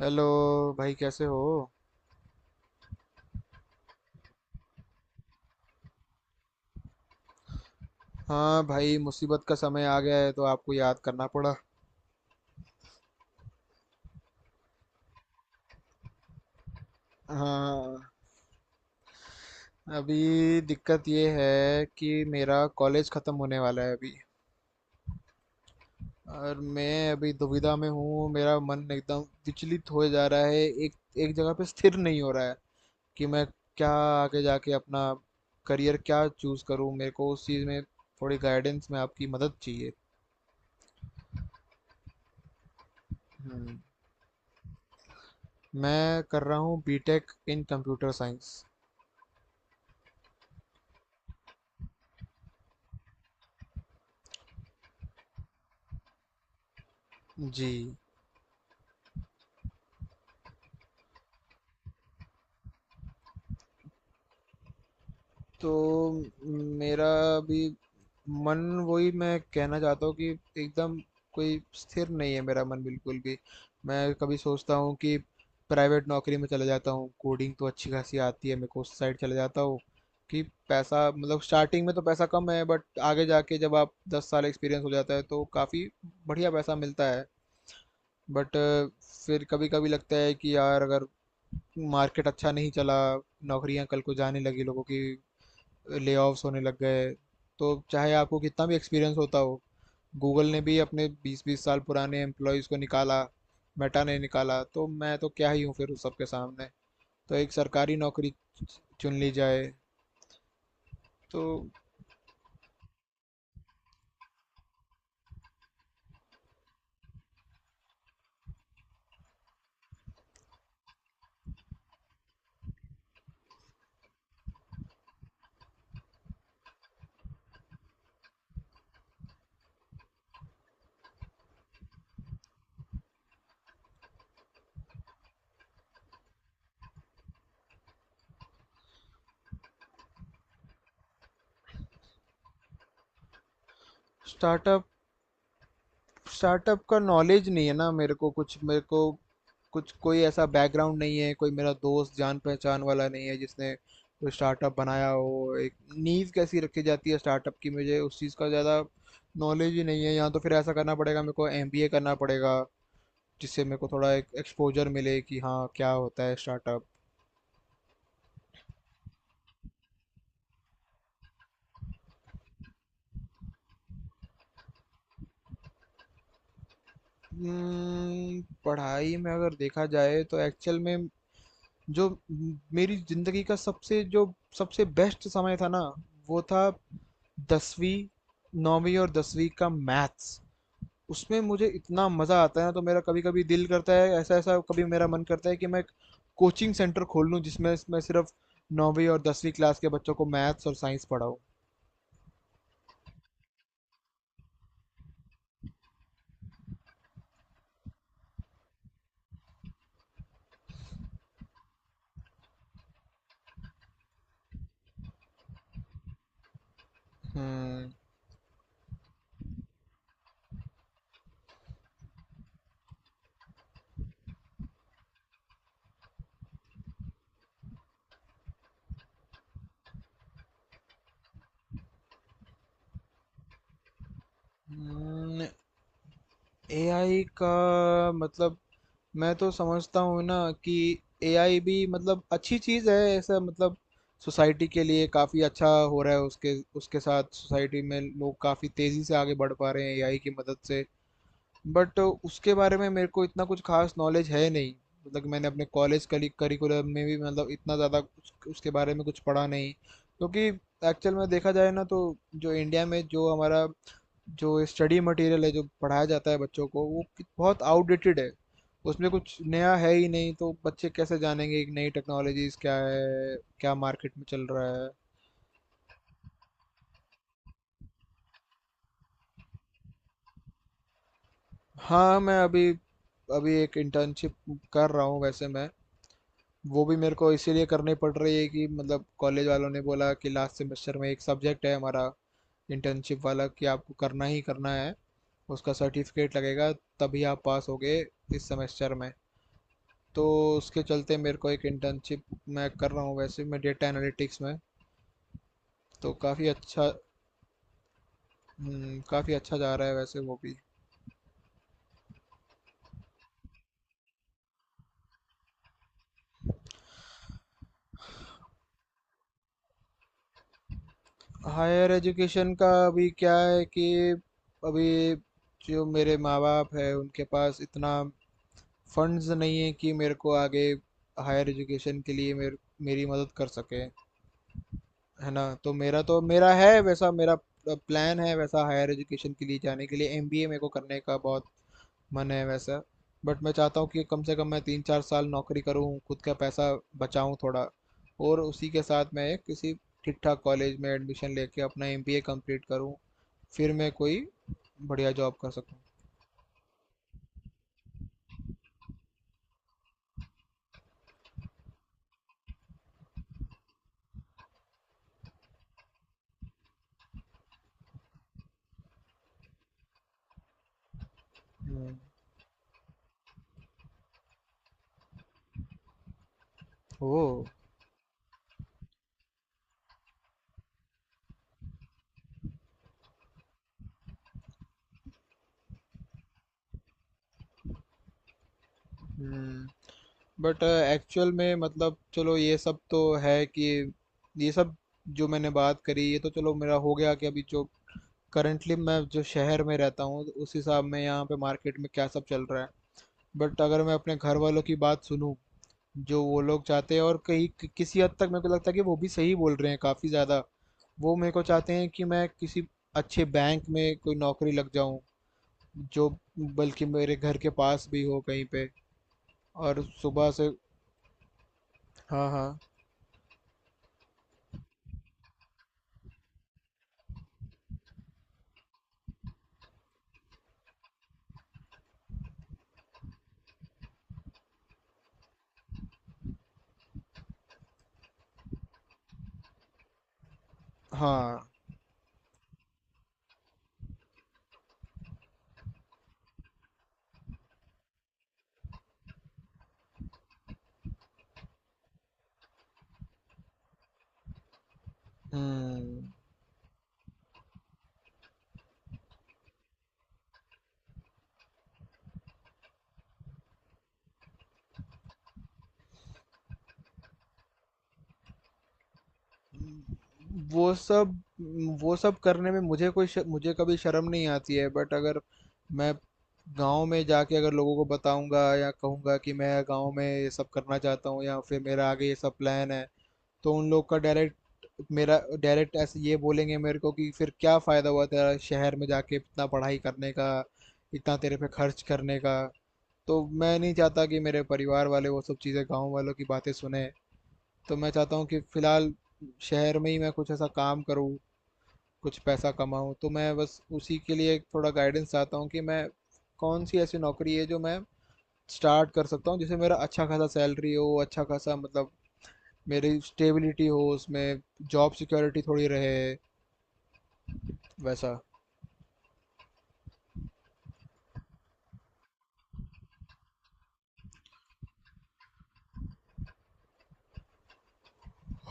Hello. भाई कैसे हो? हाँ भाई, मुसीबत का समय आ गया है तो आपको याद करना पड़ा। हाँ, अभी दिक्कत ये है कि मेरा कॉलेज ख़त्म होने वाला है अभी। और मैं अभी दुविधा में हूँ, मेरा मन एकदम विचलित हो जा रहा है। एक एक जगह पे स्थिर नहीं हो रहा है कि मैं क्या आगे जाके अपना करियर क्या चूज़ करूँ। मेरे को उस चीज़ में थोड़ी गाइडेंस में आपकी मदद चाहिए। हम्म। मैं कर रहा हूँ बीटेक इन कंप्यूटर साइंस। जी। तो मेरा भी मन, वही मैं कहना चाहता हूँ कि एकदम कोई स्थिर नहीं है मेरा मन, बिल्कुल भी। मैं कभी सोचता हूँ कि प्राइवेट नौकरी में चला जाता हूँ, कोडिंग तो अच्छी खासी आती है, मेरे को उस साइड चला जाता हूँ कि पैसा, मतलब स्टार्टिंग में तो पैसा कम है बट आगे जाके जब आप 10 साल एक्सपीरियंस हो जाता है तो काफ़ी बढ़िया पैसा मिलता है। बट फिर कभी कभी लगता है कि यार, अगर मार्केट अच्छा नहीं चला, नौकरियां कल को जाने लगी लोगों की, लेऑफ्स होने लग गए, तो चाहे आपको कितना भी एक्सपीरियंस होता हो, गूगल ने भी अपने 20 20 साल पुराने एम्प्लॉयज़ को निकाला, मेटा ने निकाला, तो मैं तो क्या ही हूँ फिर उस सबके सामने। तो एक सरकारी नौकरी चुन ली जाए। तो स्टार्टअप स्टार्टअप का नॉलेज नहीं है ना। मेरे को कुछ कोई ऐसा बैकग्राउंड नहीं है, कोई मेरा दोस्त जान पहचान वाला नहीं है जिसने कोई स्टार्टअप बनाया हो। एक नींव कैसी रखी जाती है स्टार्टअप की, मुझे उस चीज़ का ज़्यादा नॉलेज ही नहीं है। या तो फिर ऐसा करना पड़ेगा, मेरे को एमबीए करना पड़ेगा, जिससे मेरे को थोड़ा एक एक्सपोजर मिले कि हाँ, क्या होता है स्टार्टअप। पढ़ाई में अगर देखा जाए तो एक्चुअल में मेरी जिंदगी का सबसे जो सबसे बेस्ट समय था ना, वो था दसवीं, 9वीं और 10वीं का मैथ्स। उसमें मुझे इतना मज़ा आता है ना, तो मेरा कभी-कभी दिल करता है ऐसा, ऐसा कभी मेरा मन करता है कि मैं एक कोचिंग सेंटर खोल लूँ जिसमें मैं सिर्फ 9वीं और 10वीं क्लास के बच्चों को मैथ्स और साइंस पढ़ाऊँ। हम्म, हम्म। एआई का मतलब, मैं तो समझता हूँ ना कि एआई भी मतलब अच्छी चीज़ है ऐसा, मतलब सोसाइटी के लिए काफ़ी अच्छा हो रहा है। उसके उसके साथ सोसाइटी में लोग काफ़ी तेज़ी से आगे बढ़ पा रहे हैं एआई की मदद से। बट उसके बारे में मेरे को इतना कुछ खास नॉलेज है नहीं, मतलब कि मैंने अपने कॉलेज करिकुलम में भी मतलब इतना ज़्यादा उसके बारे में कुछ पढ़ा नहीं। क्योंकि एक्चुअल में देखा जाए ना तो जो इंडिया में जो हमारा जो स्टडी मटेरियल है, जो पढ़ाया जाता है बच्चों को, वो बहुत आउटडेटेड है। उसमें कुछ नया है ही नहीं, तो बच्चे कैसे जानेंगे कि नई टेक्नोलॉजीज क्या है, क्या मार्केट में चल रहा है। हाँ, मैं अभी अभी एक इंटर्नशिप कर रहा हूँ वैसे। मैं, वो भी मेरे को इसीलिए करनी पड़ रही है कि मतलब कॉलेज वालों ने बोला कि लास्ट सेमेस्टर में एक सब्जेक्ट है हमारा इंटर्नशिप वाला, कि आपको करना ही करना है। उसका सर्टिफिकेट लगेगा, तभी आप पास होगे इस सेमेस्टर में। तो उसके चलते मेरे को एक इंटर्नशिप मैं कर रहा हूँ वैसे, मैं डेटा एनालिटिक्स में। तो काफ़ी अच्छा। काफ़ी अच्छा जा रहा है वैसे वो भी। हायर एजुकेशन का अभी क्या है कि अभी जो मेरे माँ बाप है, उनके पास इतना फंड्स नहीं है कि मेरे को आगे हायर एजुकेशन के लिए मेरे मेरी मदद कर सके, है ना। तो मेरा है वैसा, मेरा प्लान है वैसा हायर एजुकेशन के लिए जाने के लिए, एमबीए मेरे को करने का बहुत मन है वैसा। बट मैं चाहता हूँ कि कम से कम मैं 3 4 साल नौकरी करूँ, खुद का पैसा बचाऊँ थोड़ा, और उसी के साथ मैं एक किसी ठीक ठाक कॉलेज में एडमिशन लेके अपना एमबीए कंप्लीट करूँ, फिर मैं कोई बढ़िया जॉब कर सकूँ। हम्म। ओ। हम्म। बट एक्चुअल में मतलब, चलो, ये सब तो है कि ये सब जो मैंने बात करी, ये तो चलो मेरा हो गया कि अभी जो करंटली मैं जो शहर में रहता हूँ, उस हिसाब में यहाँ पे मार्केट में क्या सब चल रहा है। बट अगर मैं अपने घर वालों की बात सुनूं, जो वो लोग चाहते हैं, और कहीं किसी हद तक मेरे को लगता है कि वो भी सही बोल रहे हैं काफ़ी ज़्यादा। वो मेरे को चाहते हैं कि मैं किसी अच्छे बैंक में कोई नौकरी लग जाऊं, जो बल्कि मेरे घर के पास भी हो कहीं पे, और सुबह से। हाँ, हाँ, हाँ। हम्म। वो सब वो सब करने में मुझे कभी शर्म नहीं आती है। बट अगर मैं गांव में जाके अगर लोगों को बताऊंगा या कहूंगा कि मैं गांव में ये सब करना चाहता हूँ, या फिर मेरा आगे ये सब प्लान है, तो उन लोग का डायरेक्ट, मेरा डायरेक्ट ऐसे ये बोलेंगे मेरे को कि फिर क्या फ़ायदा हुआ तेरा शहर में जाके इतना पढ़ाई करने का, इतना तेरे पे खर्च करने का। तो मैं नहीं चाहता कि मेरे परिवार वाले वो सब चीज़ें गांव वालों की बातें सुने। तो मैं चाहता हूँ कि फ़िलहाल शहर में ही मैं कुछ ऐसा काम करूँ, कुछ पैसा कमाऊँ। तो मैं बस उसी के लिए थोड़ा गाइडेंस चाहता हूँ कि मैं कौन सी ऐसी नौकरी है जो मैं स्टार्ट कर सकता हूँ, जिसमें मेरा अच्छा खासा सैलरी हो, अच्छा खासा मतलब मेरी स्टेबिलिटी हो उसमें, जॉब सिक्योरिटी थोड़ी रहे वैसा।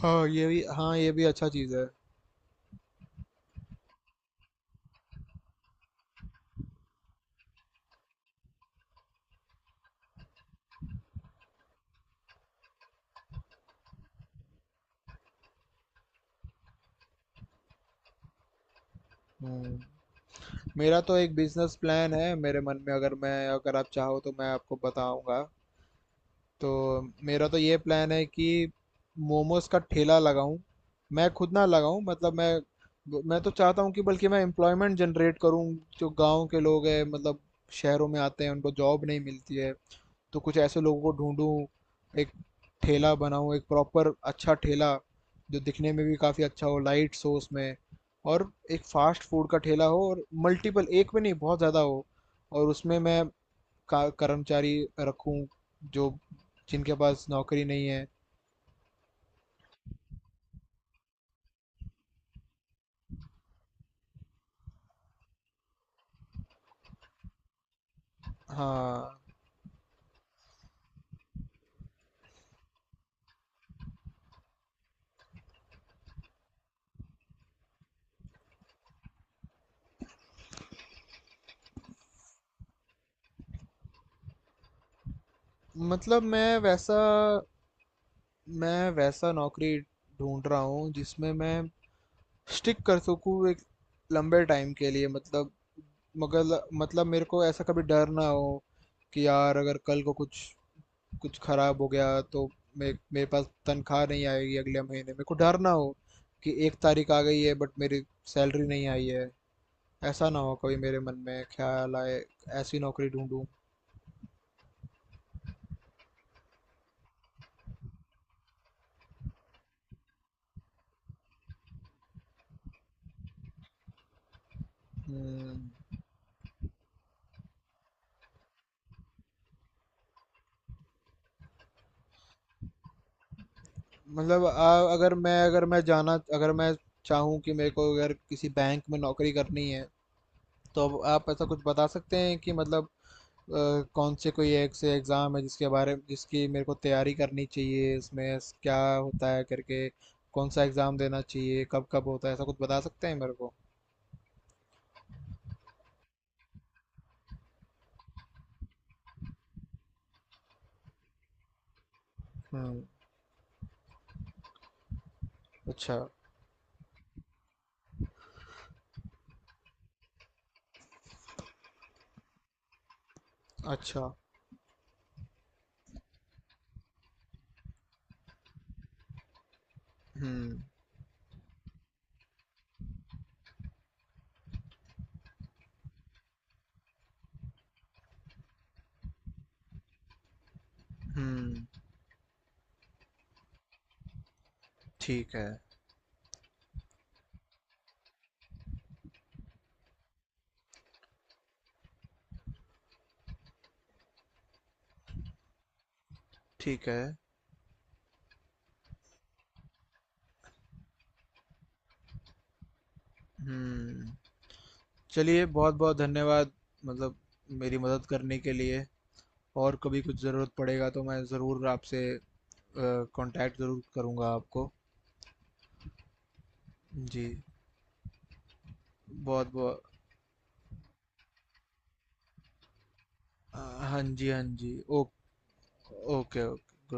हाँ ये भी, हाँ ये भी अच्छा चीज़ है। हम्म। मेरा तो एक बिजनेस प्लान है मेरे मन में। अगर आप चाहो तो मैं आपको बताऊंगा। तो मेरा तो ये प्लान है कि मोमोज का ठेला लगाऊं। मैं खुद ना लगाऊं, मतलब मैं तो चाहता हूं कि बल्कि मैं एम्प्लॉयमेंट जनरेट करूं। जो गांव के लोग हैं, मतलब शहरों में आते हैं उनको जॉब नहीं मिलती है, तो कुछ ऐसे लोगों को ढूंढूं, एक ठेला बनाऊं, एक प्रॉपर अच्छा ठेला, जो दिखने में भी काफ़ी अच्छा हो, लाइट्स हो उसमें, और एक फास्ट फूड का ठेला हो, और मल्टीपल, एक में नहीं, बहुत ज़्यादा हो। और उसमें मैं कर्मचारी रखूं जो जिनके पास नौकरी नहीं है। हाँ। मतलब मैं वैसा नौकरी ढूंढ रहा हूँ जिसमें मैं स्टिक कर सकूँ एक लंबे टाइम के लिए, मतलब, मगर मतलब मेरे को ऐसा कभी डर ना हो कि यार, अगर कल को कुछ कुछ खराब हो गया तो मे मेरे पास तनख्वाह नहीं आएगी अगले महीने, मेरे को डर ना हो कि एक तारीख आ गई है बट मेरी सैलरी नहीं आई है, ऐसा ना हो कभी मेरे मन में ख्याल आए। ऐसी नौकरी ढूंढूं। हम्म, मतलब अगर मैं चाहूँ कि मेरे को अगर किसी बैंक में नौकरी करनी है, तो अब आप ऐसा कुछ बता सकते हैं कि मतलब कौन से कोई एक से एग्ज़ाम है जिसके बारे में जिसकी मेरे को तैयारी करनी चाहिए, इसमें क्या होता है करके, कौन सा एग्ज़ाम देना चाहिए, कब कब होता है, ऐसा कुछ बता सकते हैं मेरे को। हम्म। अच्छा। अच्छा। हम्म। हम्म। ठीक है। ठीक है। हम्म। चलिए, बहुत-बहुत धन्यवाद, मतलब मेरी मदद करने के लिए। और कभी कुछ ज़रूरत पड़ेगा तो मैं ज़रूर आपसे अ, कांटेक्ट ज़रूर करूँगा आपको। जी, बहुत-बहुत। हाँ जी, हाँ जी। Oh. Okay, okay, good night.